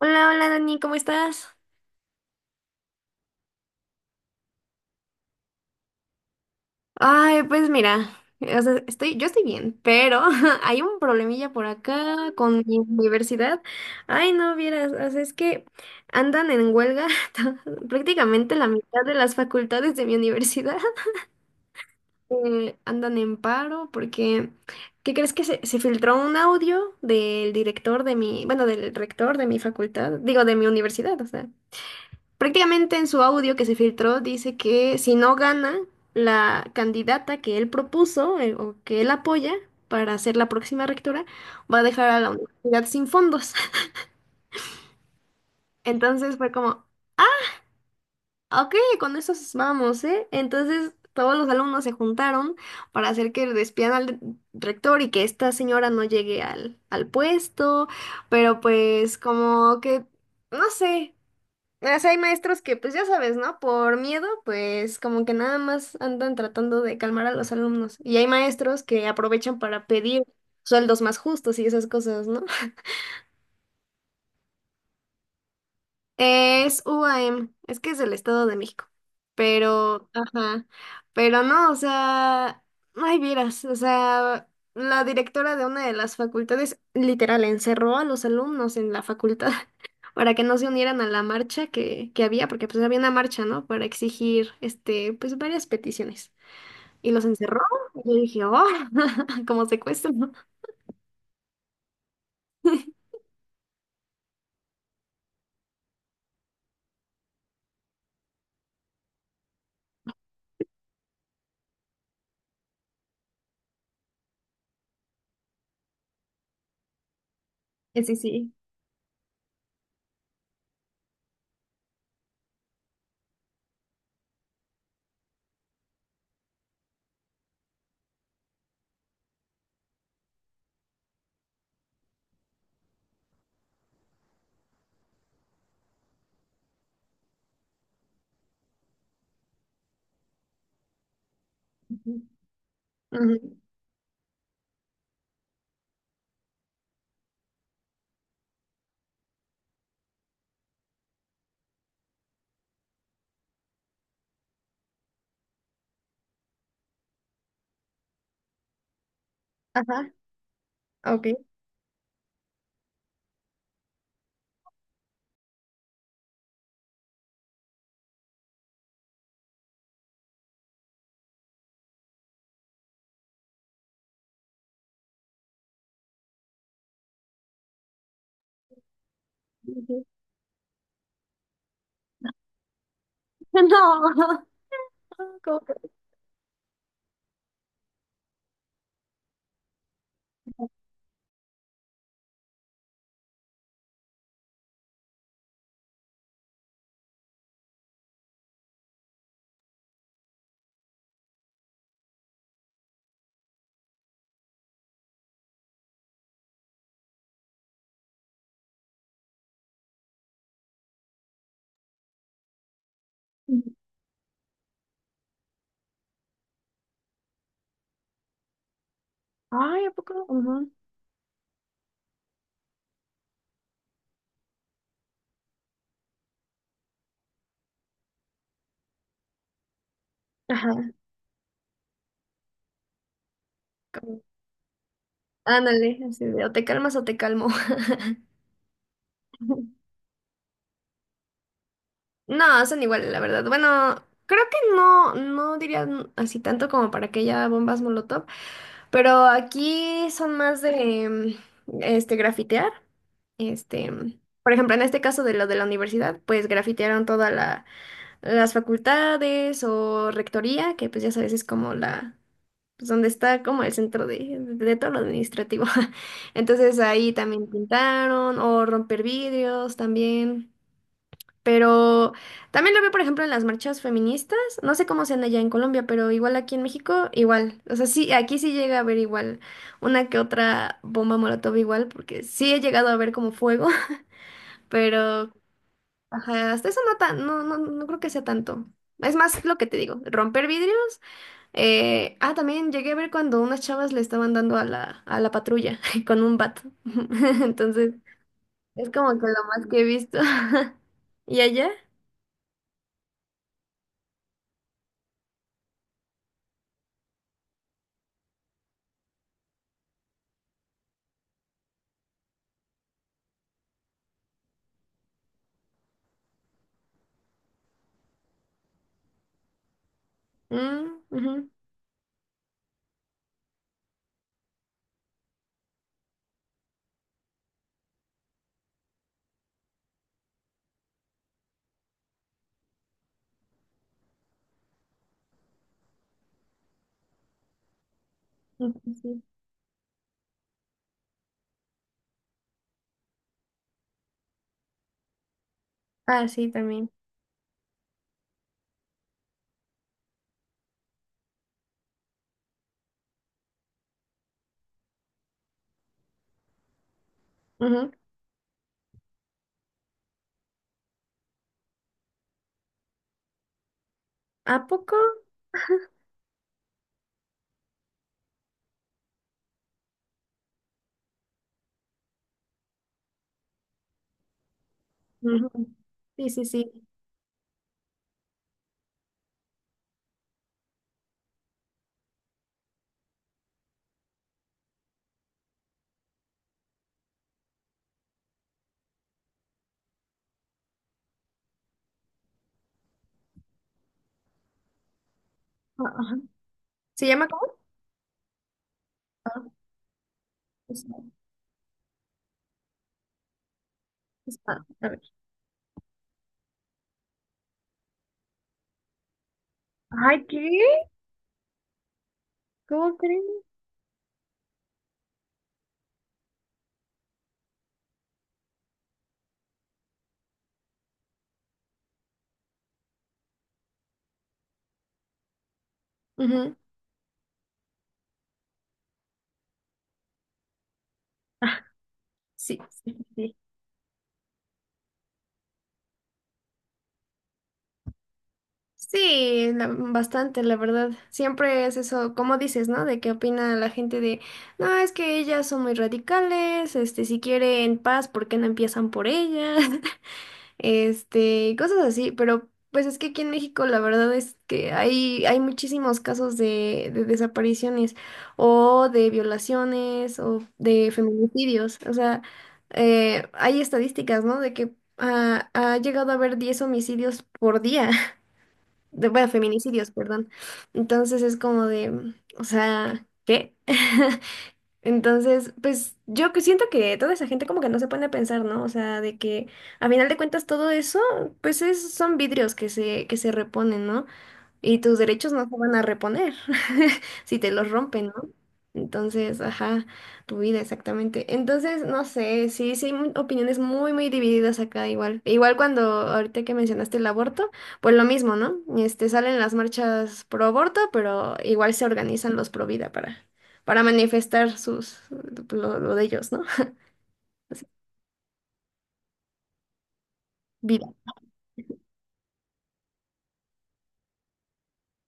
Hola, hola Dani, ¿cómo estás? Ay, pues mira, o sea, yo estoy bien, pero hay un problemilla por acá con mi universidad. Ay, no vieras, o sea, es que andan en huelga prácticamente la mitad de las facultades de mi universidad. Andan en paro porque, ¿qué crees que se filtró un audio del director de mi, bueno, del rector de mi facultad, digo, de mi universidad, o sea. Prácticamente en su audio que se filtró dice que si no gana la candidata que él propuso, o que él apoya para ser la próxima rectora, va a dejar a la universidad sin fondos. Entonces fue como, ok, con eso vamos, ¿eh? Entonces todos los alumnos se juntaron para hacer que despidan al rector y que esta señora no llegue al puesto, pero pues como que, no sé. O sea, hay maestros que, pues ya sabes, ¿no? Por miedo, pues como que nada más andan tratando de calmar a los alumnos. Y hay maestros que aprovechan para pedir sueldos más justos y esas cosas, ¿no? Es UAM, es que es el Estado de México. Pero, ajá, pero no, o sea, ay, vieras, o sea, la directora de una de las facultades literal encerró a los alumnos en la facultad, para que no se unieran a la marcha que había, porque pues había una marcha, ¿no? Para exigir, este, pues varias peticiones. Y los encerró, y yo dije, oh, como secuestro, ¿no? Sí, sí. Ujú. Ujú. Ajá, ok. Ujú. Ay, ¿a poco? Ujú. Ajá. como- Ándale, así de, o te calmas o te calmo. No, son iguales, la verdad. Bueno, creo que no, no diría así tanto como para que haya bombas Molotov, pero aquí son más de este grafitear. Este, por ejemplo, en este caso de lo de la universidad, pues grafitearon todas las facultades o rectoría, que pues ya sabes, es como la, pues donde está como el centro de todo lo administrativo. Entonces ahí también pintaron o romper vidrios también. Pero también lo veo, por ejemplo, en las marchas feministas. No sé cómo sean allá en Colombia, pero igual aquí en México, igual. O sea, sí, aquí sí llega a haber igual una que otra bomba molotov igual, porque sí he llegado a ver como fuego. Pero, ajá, hasta eso no, tan, no, no, no creo que sea tanto. Es más lo que te digo, romper vidrios. También llegué a ver cuando unas chavas le estaban dando a la patrulla con un bat. Entonces, es como que lo más que he visto. ¿Y allá? Mm, ujú, ujú, sí. Sí. Ah, sí, también. Ujú. ¿A poco? Ujú. Sí, sí, sí. Ah, ajá. ¿Se llama cómo? Ah, es- ah, a ver. Ay, ¿qué? ¿Cómo crees? Ujú. Sí, sí, sí. Sí, la- bastante, la verdad. Siempre es eso, como dices, ¿no? De qué opina la gente de, no, es que ellas son muy radicales, este, si quieren paz, ¿por qué no empiezan por ellas? Este, cosas así, pero pues es que aquí en México la verdad es que hay muchísimos casos de desapariciones o de violaciones o de feminicidios, o sea, hay estadísticas, ¿no? De que ha llegado a haber 10 homicidios por día, de, bueno, feminicidios, perdón. Entonces es como de, o sea, ¿qué? Entonces, pues yo que siento que toda esa gente como que no se pone a pensar, ¿no? O sea, de que a final de cuentas todo eso, pues es, son vidrios que que se reponen, ¿no? Y tus derechos no se van a reponer si te los rompen, ¿no? Entonces, ajá, tu vida exactamente. Entonces, no sé, sí, sí, hay opiniones muy, muy divididas acá igual. Igual cuando ahorita que mencionaste el aborto, pues lo mismo, ¿no? Este, salen las marchas pro aborto, pero igual se organizan los pro vida para manifestar sus, lo de ellos, ¿no?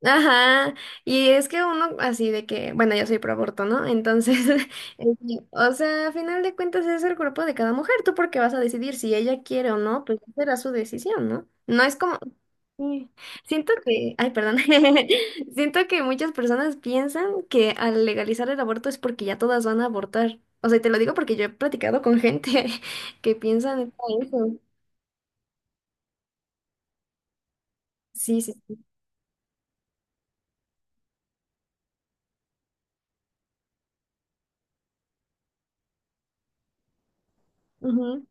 Ajá, y es que uno así de que, bueno, yo soy pro aborto, ¿no? Entonces, este, o sea, a final de cuentas es el cuerpo de cada mujer, tú porque vas a decidir si ella quiere o no, pues será su decisión, ¿no? No es como, sí. Siento que, ay, perdón, siento que muchas personas piensan que al legalizar el aborto es porque ya todas van a abortar. O sea, y te lo digo porque yo he platicado con gente que piensan eso. Sí, sí, sí. Ujú,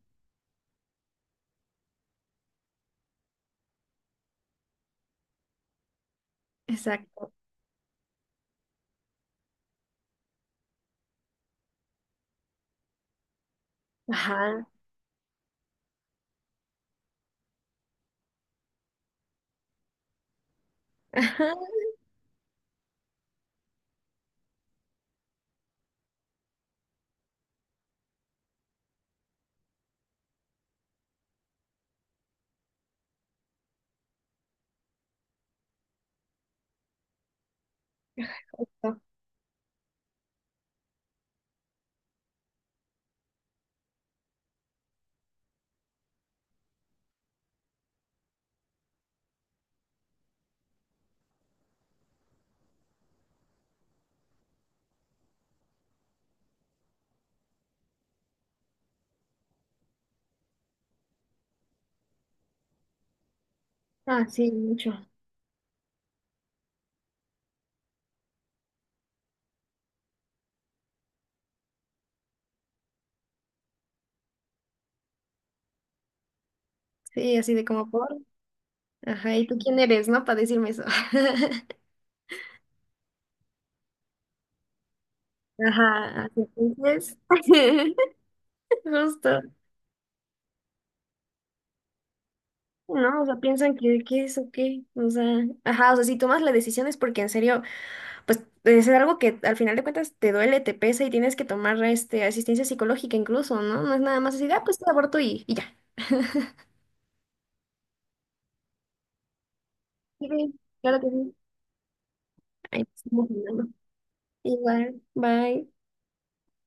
exacto. Ajá. Ajá. Ah, sí, mucho. Sí, así de como por. Ajá, ¿y tú quién eres, no? Para decirme eso. Ajá, así entonces. Justo. No, o sea, piensan que, es o qué. O sea, ajá, o sea, si tomas la decisión es porque en serio, pues es algo que al final de cuentas te duele, te pesa y tienes que tomar este, asistencia psicológica incluso, ¿no? No es nada más así, de, ah, pues te aborto y ya. Sí, claro que sí. Ahí estamos hablando. Igual, bye.